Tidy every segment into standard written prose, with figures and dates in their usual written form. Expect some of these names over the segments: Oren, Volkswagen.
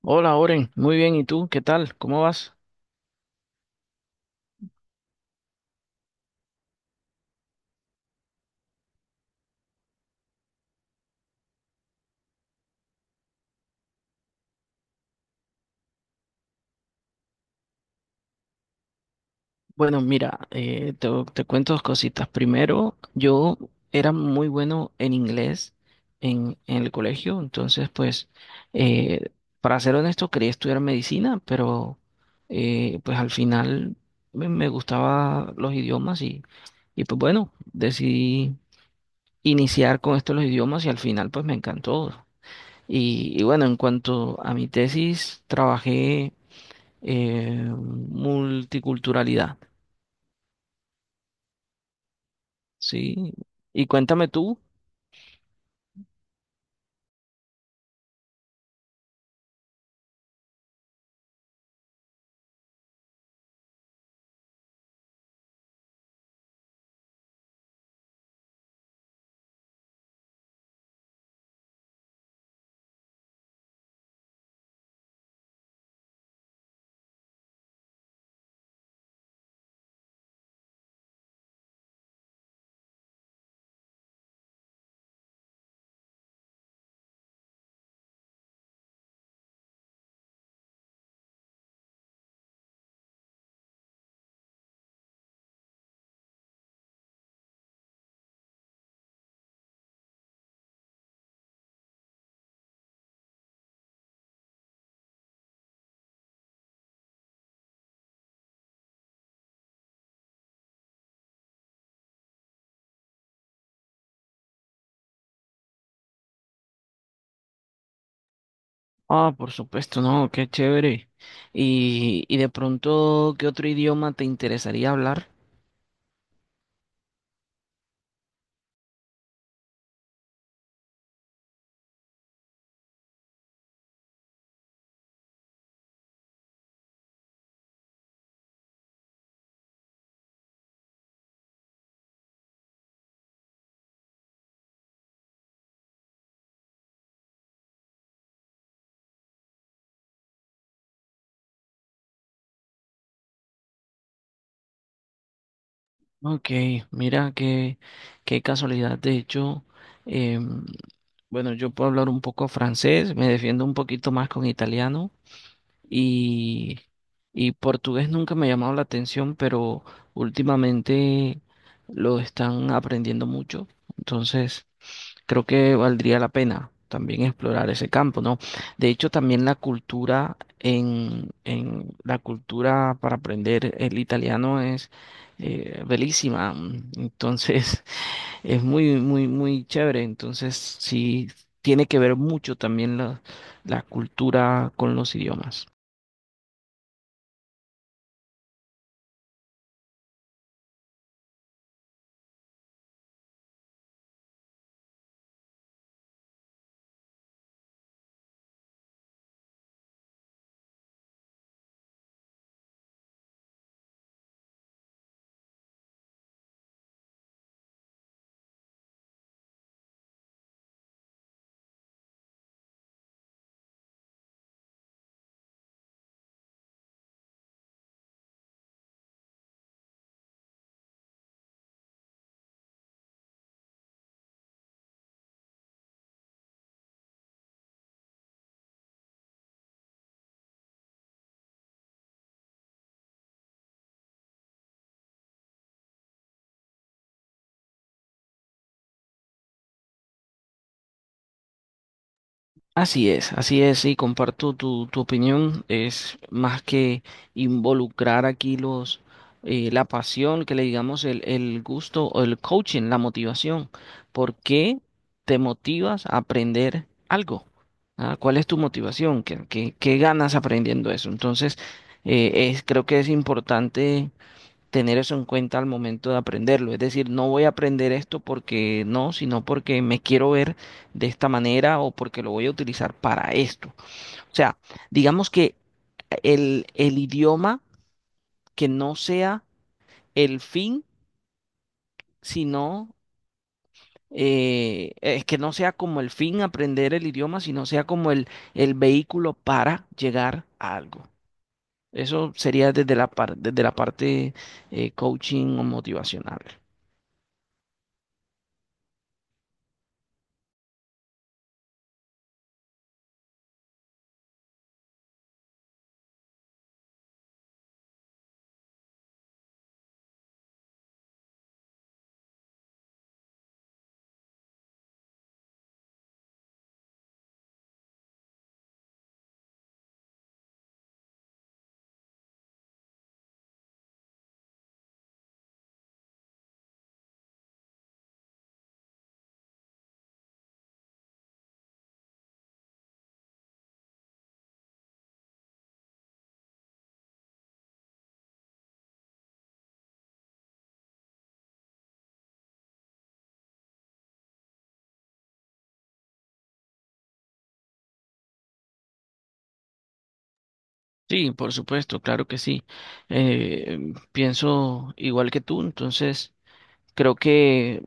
Hola, Oren. Muy bien. ¿Y tú? ¿Qué tal? ¿Cómo vas? Bueno, mira, te cuento dos cositas. Primero, yo era muy bueno en inglés en el colegio. Entonces, pues, eh, para ser honesto, quería estudiar medicina, pero pues al final me gustaba los idiomas, y pues bueno, decidí iniciar con esto de los idiomas y al final pues me encantó. Y bueno, en cuanto a mi tesis, trabajé multiculturalidad, ¿sí? Y cuéntame tú. Ah, por supuesto, no, qué chévere. Y de pronto, ¿qué otro idioma te interesaría hablar? Ok, mira qué, qué casualidad. De hecho, em, bueno, yo puedo hablar un poco francés, me defiendo un poquito más con italiano, y, y portugués nunca me ha llamado la atención, pero últimamente lo están aprendiendo mucho. Entonces, creo que valdría la pena también explorar ese campo, ¿no? De hecho, también la cultura en la cultura para aprender el italiano es bellísima. Entonces, es muy, muy, muy chévere. Entonces, sí, tiene que ver mucho también la cultura con los idiomas. Así es, y comparto tu opinión. Es más que involucrar aquí los la pasión, que le digamos el gusto o el coaching, la motivación. ¿Por qué te motivas a aprender algo? ¿Ah? ¿Cuál es tu motivación? ¿ Qué ganas aprendiendo eso? Entonces, creo que es importante tener eso en cuenta al momento de aprenderlo. Es decir, no voy a aprender esto porque no, sino porque me quiero ver de esta manera o porque lo voy a utilizar para esto. O sea, digamos que el idioma que no sea el fin, sino es que no sea como el fin aprender el idioma, sino sea como el vehículo para llegar a algo. Eso sería desde desde la parte coaching o motivacional. Sí, por supuesto, claro que sí. Pienso igual que tú. Entonces creo que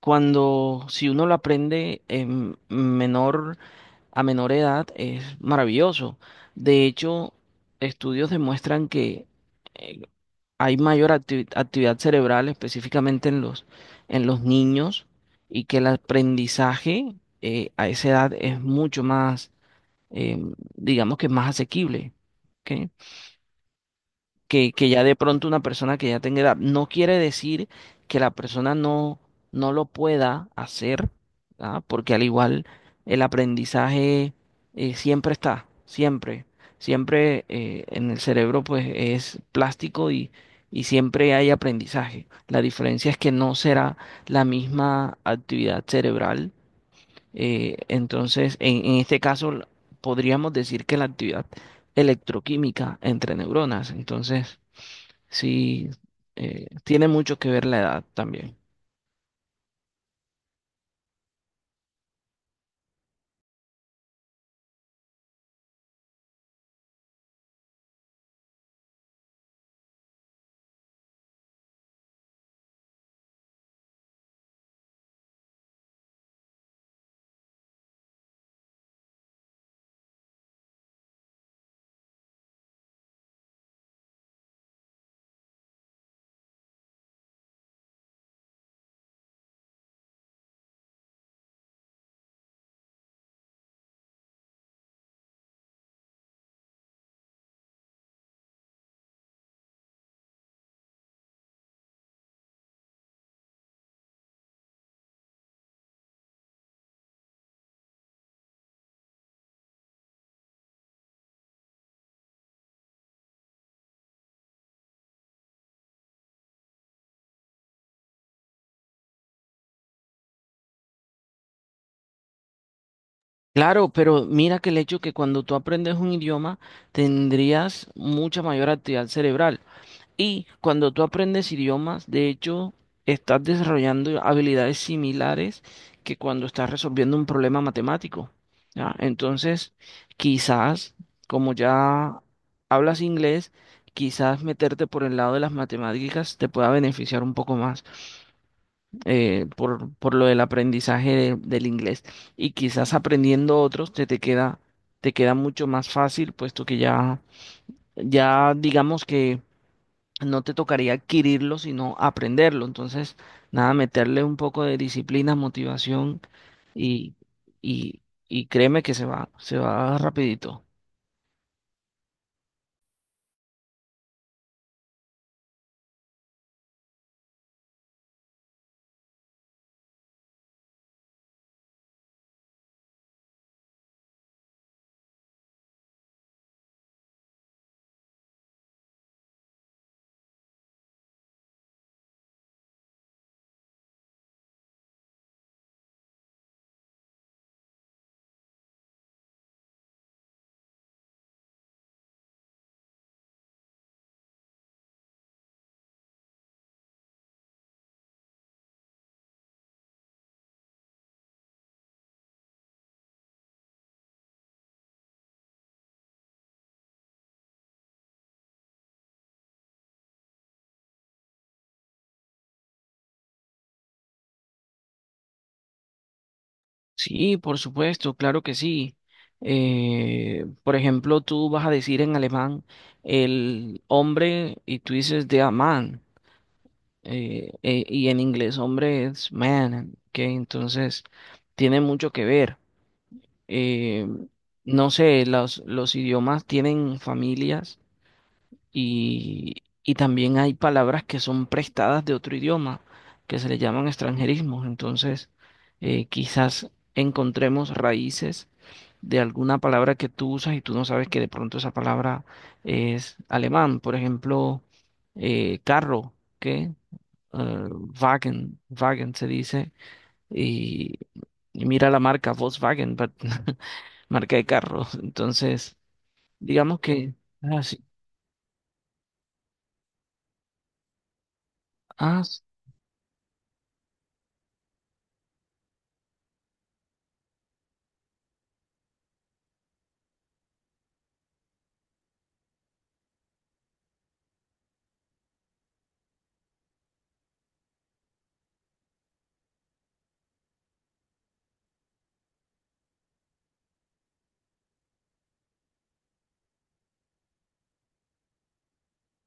cuando si uno lo aprende en menor a menor edad es maravilloso. De hecho, estudios demuestran que eh, hay mayor actividad cerebral, específicamente en los niños, y que el aprendizaje a esa edad es mucho más, eh, digamos que más asequible. ¿Ok? Que ya de pronto una persona que ya tenga edad. No quiere decir que la persona no lo pueda hacer, ¿ah? Porque al igual el aprendizaje siempre está, siempre, siempre, en el cerebro pues es plástico, y siempre hay aprendizaje. La diferencia es que no será la misma actividad cerebral. Entonces, en este caso podríamos decir que la actividad electroquímica entre neuronas. Entonces, sí, tiene mucho que ver la edad también. Claro, pero mira que el hecho que cuando tú aprendes un idioma tendrías mucha mayor actividad cerebral. Y cuando tú aprendes idiomas, de hecho, estás desarrollando habilidades similares que cuando estás resolviendo un problema matemático. ¿Ya? Entonces, quizás, como ya hablas inglés, quizás meterte por el lado de las matemáticas te pueda beneficiar un poco más. Por por lo del aprendizaje del inglés. Y quizás aprendiendo otros te queda mucho más fácil, puesto que ya, ya digamos que no te tocaría adquirirlo, sino aprenderlo. Entonces, nada, meterle un poco de disciplina, motivación, y, y, y créeme que se va rapidito. Sí, por supuesto, claro que sí. Por ejemplo, tú vas a decir en alemán el hombre y tú dices der Mann, y en inglés hombre es man, que entonces tiene mucho que ver. Eh, no sé, los idiomas tienen familias, y también hay palabras que son prestadas de otro idioma, que se le llaman extranjerismos. Entonces, quizás encontremos raíces de alguna palabra que tú usas y tú no sabes que de pronto esa palabra es alemán. Por ejemplo, carro, que Wagen, Wagen se dice, y, y mira la marca Volkswagen, but- marca de carro. Entonces, digamos que... Ah, sí. Ah, s-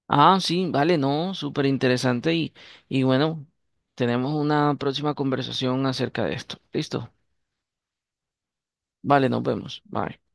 ah, sí, vale, no, súper interesante, y bueno, tenemos una próxima conversación acerca de esto. ¿Listo? Vale, nos vemos. Bye.